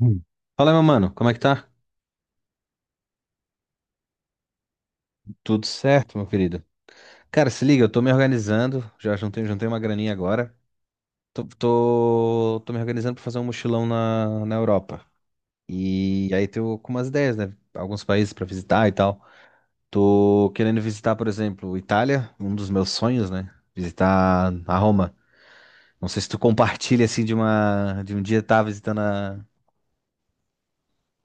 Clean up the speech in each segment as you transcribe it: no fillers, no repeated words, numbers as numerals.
Hum. Fala, meu mano, como é que tá? Tudo certo, meu querido? Cara, se liga, eu tô me organizando, já juntei uma graninha agora. Tô me organizando pra fazer um mochilão na Europa. E aí tô com umas ideias, né? Alguns países pra visitar e tal. Tô querendo visitar, por exemplo, Itália, um dos meus sonhos, né? Visitar a Roma. Não sei se tu compartilha, assim, de um dia estar visitando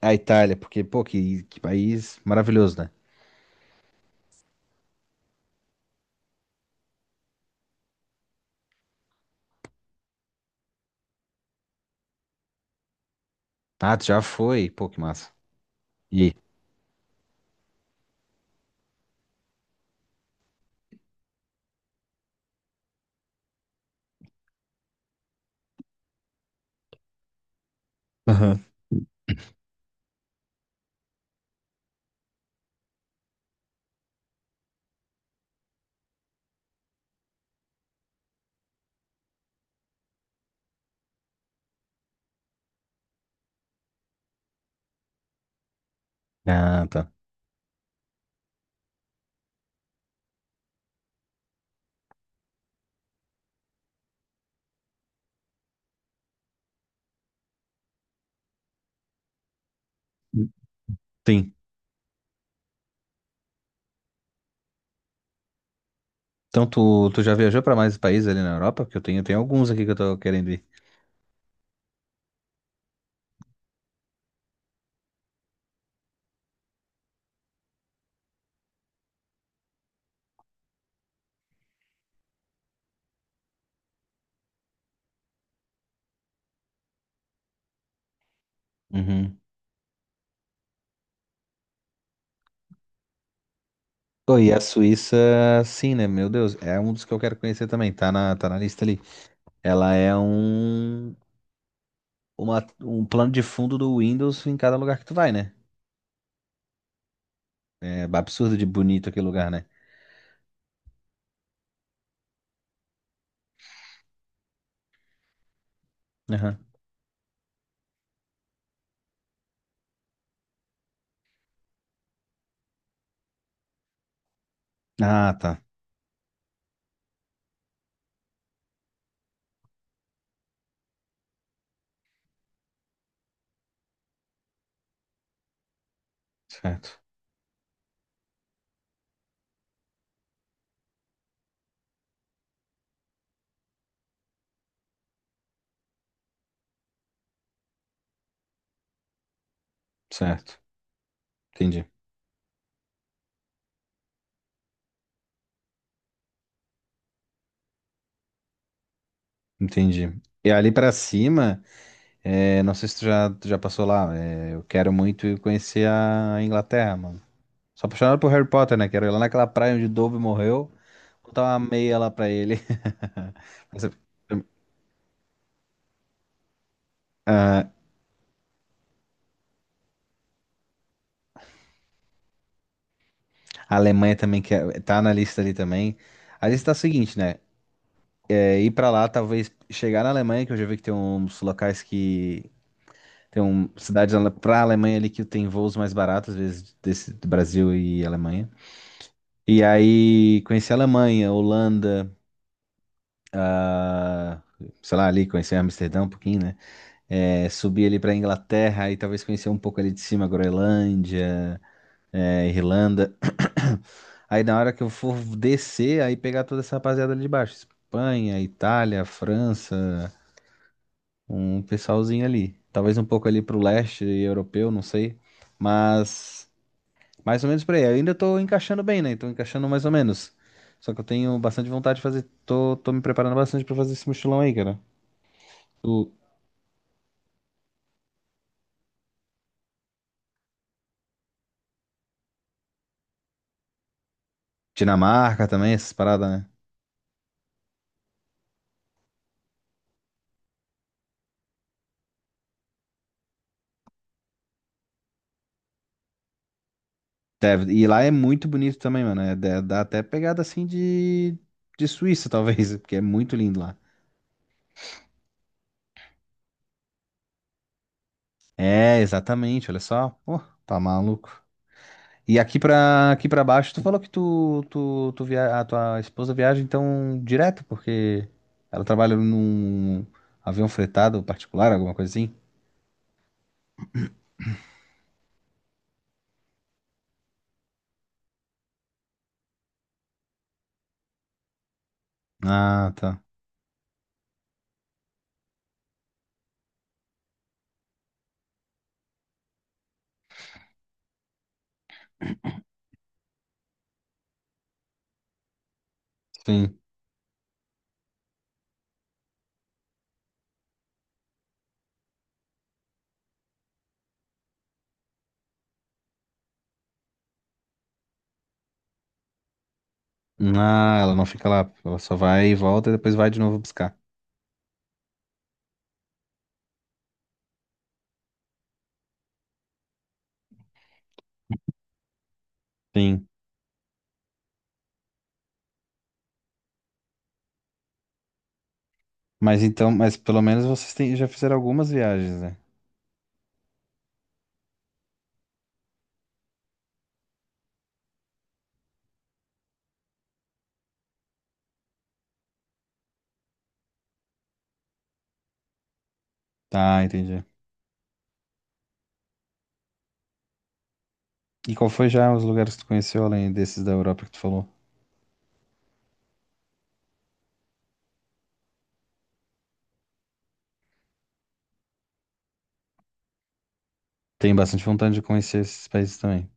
a Itália, porque, pô, que país maravilhoso, né? Ah, tu já foi? Pô, que massa. E aí? Ah, tá. Sim. Então tu já viajou pra mais países ali na Europa? Porque eu tenho, tem alguns aqui que eu tô querendo ir. Uhum. Pô, e a Suíça, sim, né? Meu Deus, é um dos que eu quero conhecer também. Tá na lista ali. Ela é um plano de fundo do Windows em cada lugar que tu vai, né? É absurdo de bonito aquele lugar, né? Aham. Ah, tá. Certo. Certo. Entendi. Entendi. E ali pra cima, é, não sei se tu já passou lá. É, eu quero muito ir conhecer a Inglaterra, mano. Sou apaixonado por Harry Potter, né? Quero ir lá naquela praia onde Dobby morreu, botar uma meia lá pra ele. Mas a Alemanha também quer, tá na lista ali também. A lista tá a seguinte, né? É, ir pra lá, talvez chegar na Alemanha, que eu já vi que tem uns locais que. Tem um, cidades pra Alemanha ali que tem voos mais baratos, às vezes, desse, do Brasil e Alemanha. E aí conhecer a Alemanha, Holanda, ah, sei lá, ali, conhecer Amsterdã um pouquinho, né? É, subir ali para Inglaterra e talvez conhecer um pouco ali de cima, Groenlândia, é, Irlanda. Aí na hora que eu for descer, aí pegar toda essa rapaziada ali de baixo, Espanha, Itália, França, um pessoalzinho ali. Talvez um pouco ali pro leste europeu, não sei, mas mais ou menos por aí. Eu ainda tô encaixando bem, né? Tô encaixando mais ou menos. Só que eu tenho bastante vontade de fazer, tô me preparando bastante pra fazer esse mochilão aí, cara. O Dinamarca também, essas paradas, né? Deve. E lá é muito bonito também, mano. É, dá até pegada assim de Suíça, talvez, porque é muito lindo lá. É, exatamente, olha só. Pô, tá maluco. E aqui pra baixo, tu falou que tu via, a tua esposa viaja então direto, porque ela trabalha num avião fretado particular, alguma coisa assim? Ah, tá. Sim. Ah, ela não fica lá. Ela só vai e volta e depois vai de novo buscar. Sim. Mas então, mas pelo menos vocês têm, já fizeram algumas viagens, né? Tá, entendi. E qual foi já os lugares que tu conheceu além desses da Europa que tu falou? Tem bastante vontade de conhecer esses países também.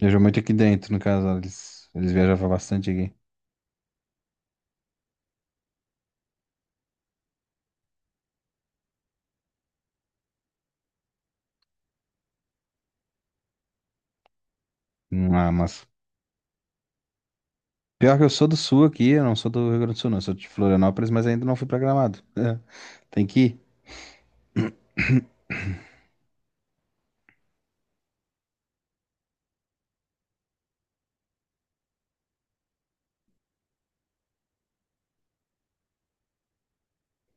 Viajou muito aqui dentro, no caso, eles viajavam bastante aqui. Ah, mas pior que eu sou do sul aqui, eu não sou do Rio Grande do Sul, não. Eu sou de Florianópolis, mas ainda não fui pra Gramado. Tem que ir.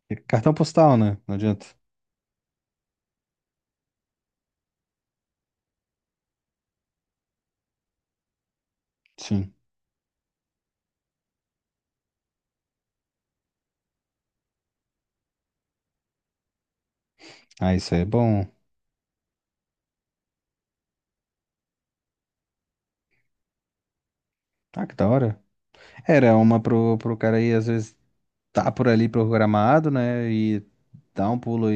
É cartão postal, né? Não adianta. Sim. Ah, isso aí é bom. Ah, que da hora. Era uma pro cara aí, às vezes, tá por ali pro Gramado, né? E dá um pulo.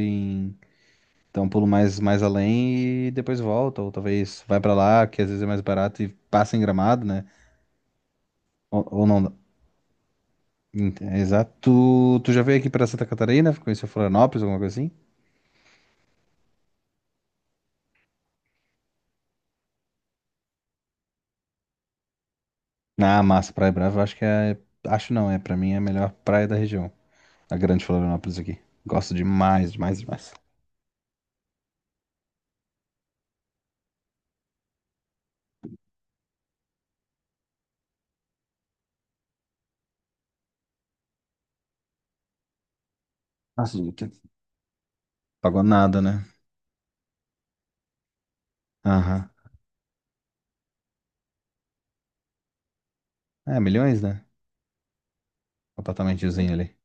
Então, pulo mais, mais além e depois volta, ou talvez vai pra lá, que às vezes é mais barato e passa em Gramado, né? Ou não. Exato. Tu já veio aqui pra Santa Catarina? Conheceu Florianópolis, alguma coisa assim? Ah, massa, Praia Brava, eu acho que é. Acho não, é, pra mim é a melhor praia da região. A grande Florianópolis aqui. Gosto demais, demais, demais. Nossa, pagou nada, né? Aham. É, milhões, né? O apartamentozinho ali.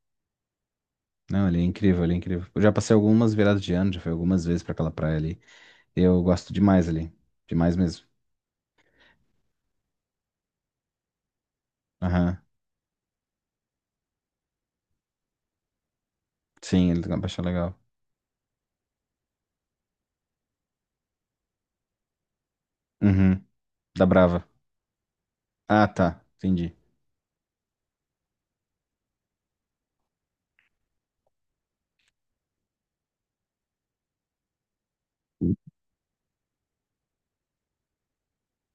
Não, ele é incrível, ele é incrível. Eu já passei algumas viradas de ano, já fui algumas vezes pra aquela praia ali. Eu gosto demais ali. Demais mesmo. Aham. Sim, ele tem uma paixão legal. Uhum. Da Brava. Ah, tá. Entendi.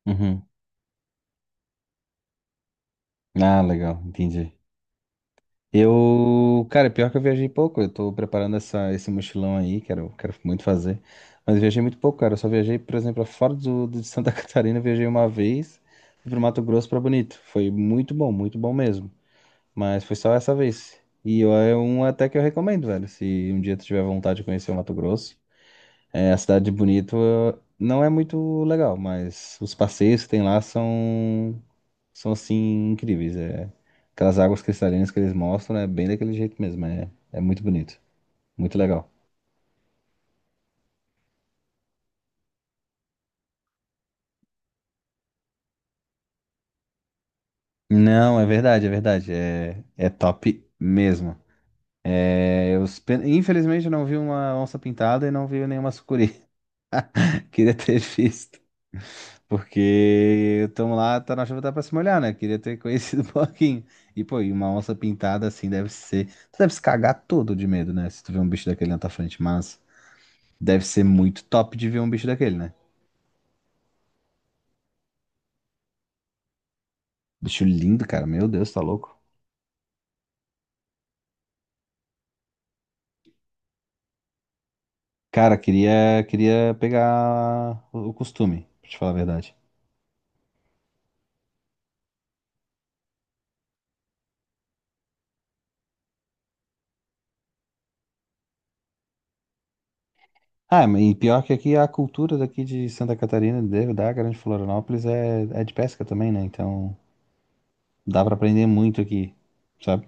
Uhum. Ah, legal. Entendi. Eu, cara, pior que eu viajei pouco. Eu tô preparando essa, esse mochilão aí, quero, quero muito fazer. Mas eu viajei muito pouco, cara. Eu só viajei, por exemplo, fora de Santa Catarina, eu viajei uma vez. Fui pro Mato Grosso pra Bonito. Foi muito bom mesmo. Mas foi só essa vez. E é um até que eu recomendo, velho. Se um dia tu tiver vontade de conhecer o Mato Grosso. É, a cidade de Bonito não é muito legal, mas os passeios que tem lá são, são assim, incríveis. É, aquelas águas cristalinas que eles mostram é bem daquele jeito mesmo. É, é muito bonito, muito legal. Não, é verdade, é verdade. É, é top mesmo. É, eu, infelizmente eu não vi uma onça pintada e não vi nenhuma sucuri. Queria ter visto. Porque estamos lá, tá na chuva, tá pra se molhar, né? Queria ter conhecido um pouquinho. E, pô, e uma onça pintada assim deve ser. Tu deve se cagar todo de medo, né? Se tu vê um bicho daquele na tua frente, mas deve ser muito top de ver um bicho daquele, né? Bicho lindo, cara. Meu Deus, tá louco. Cara, queria, queria pegar o costume, pra te falar a verdade. Ah, e pior que aqui a cultura daqui de Santa Catarina, da Grande Florianópolis, é, é de pesca também, né? Então dá pra aprender muito aqui, sabe?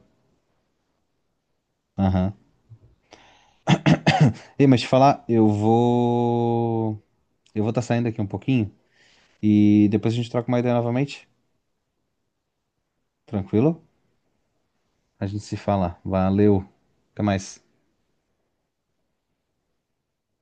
Aham. Ei, mas te falar, eu vou. Eu vou estar saindo aqui um pouquinho e depois a gente troca uma ideia novamente. Tranquilo? A gente se fala. Valeu. Até mais.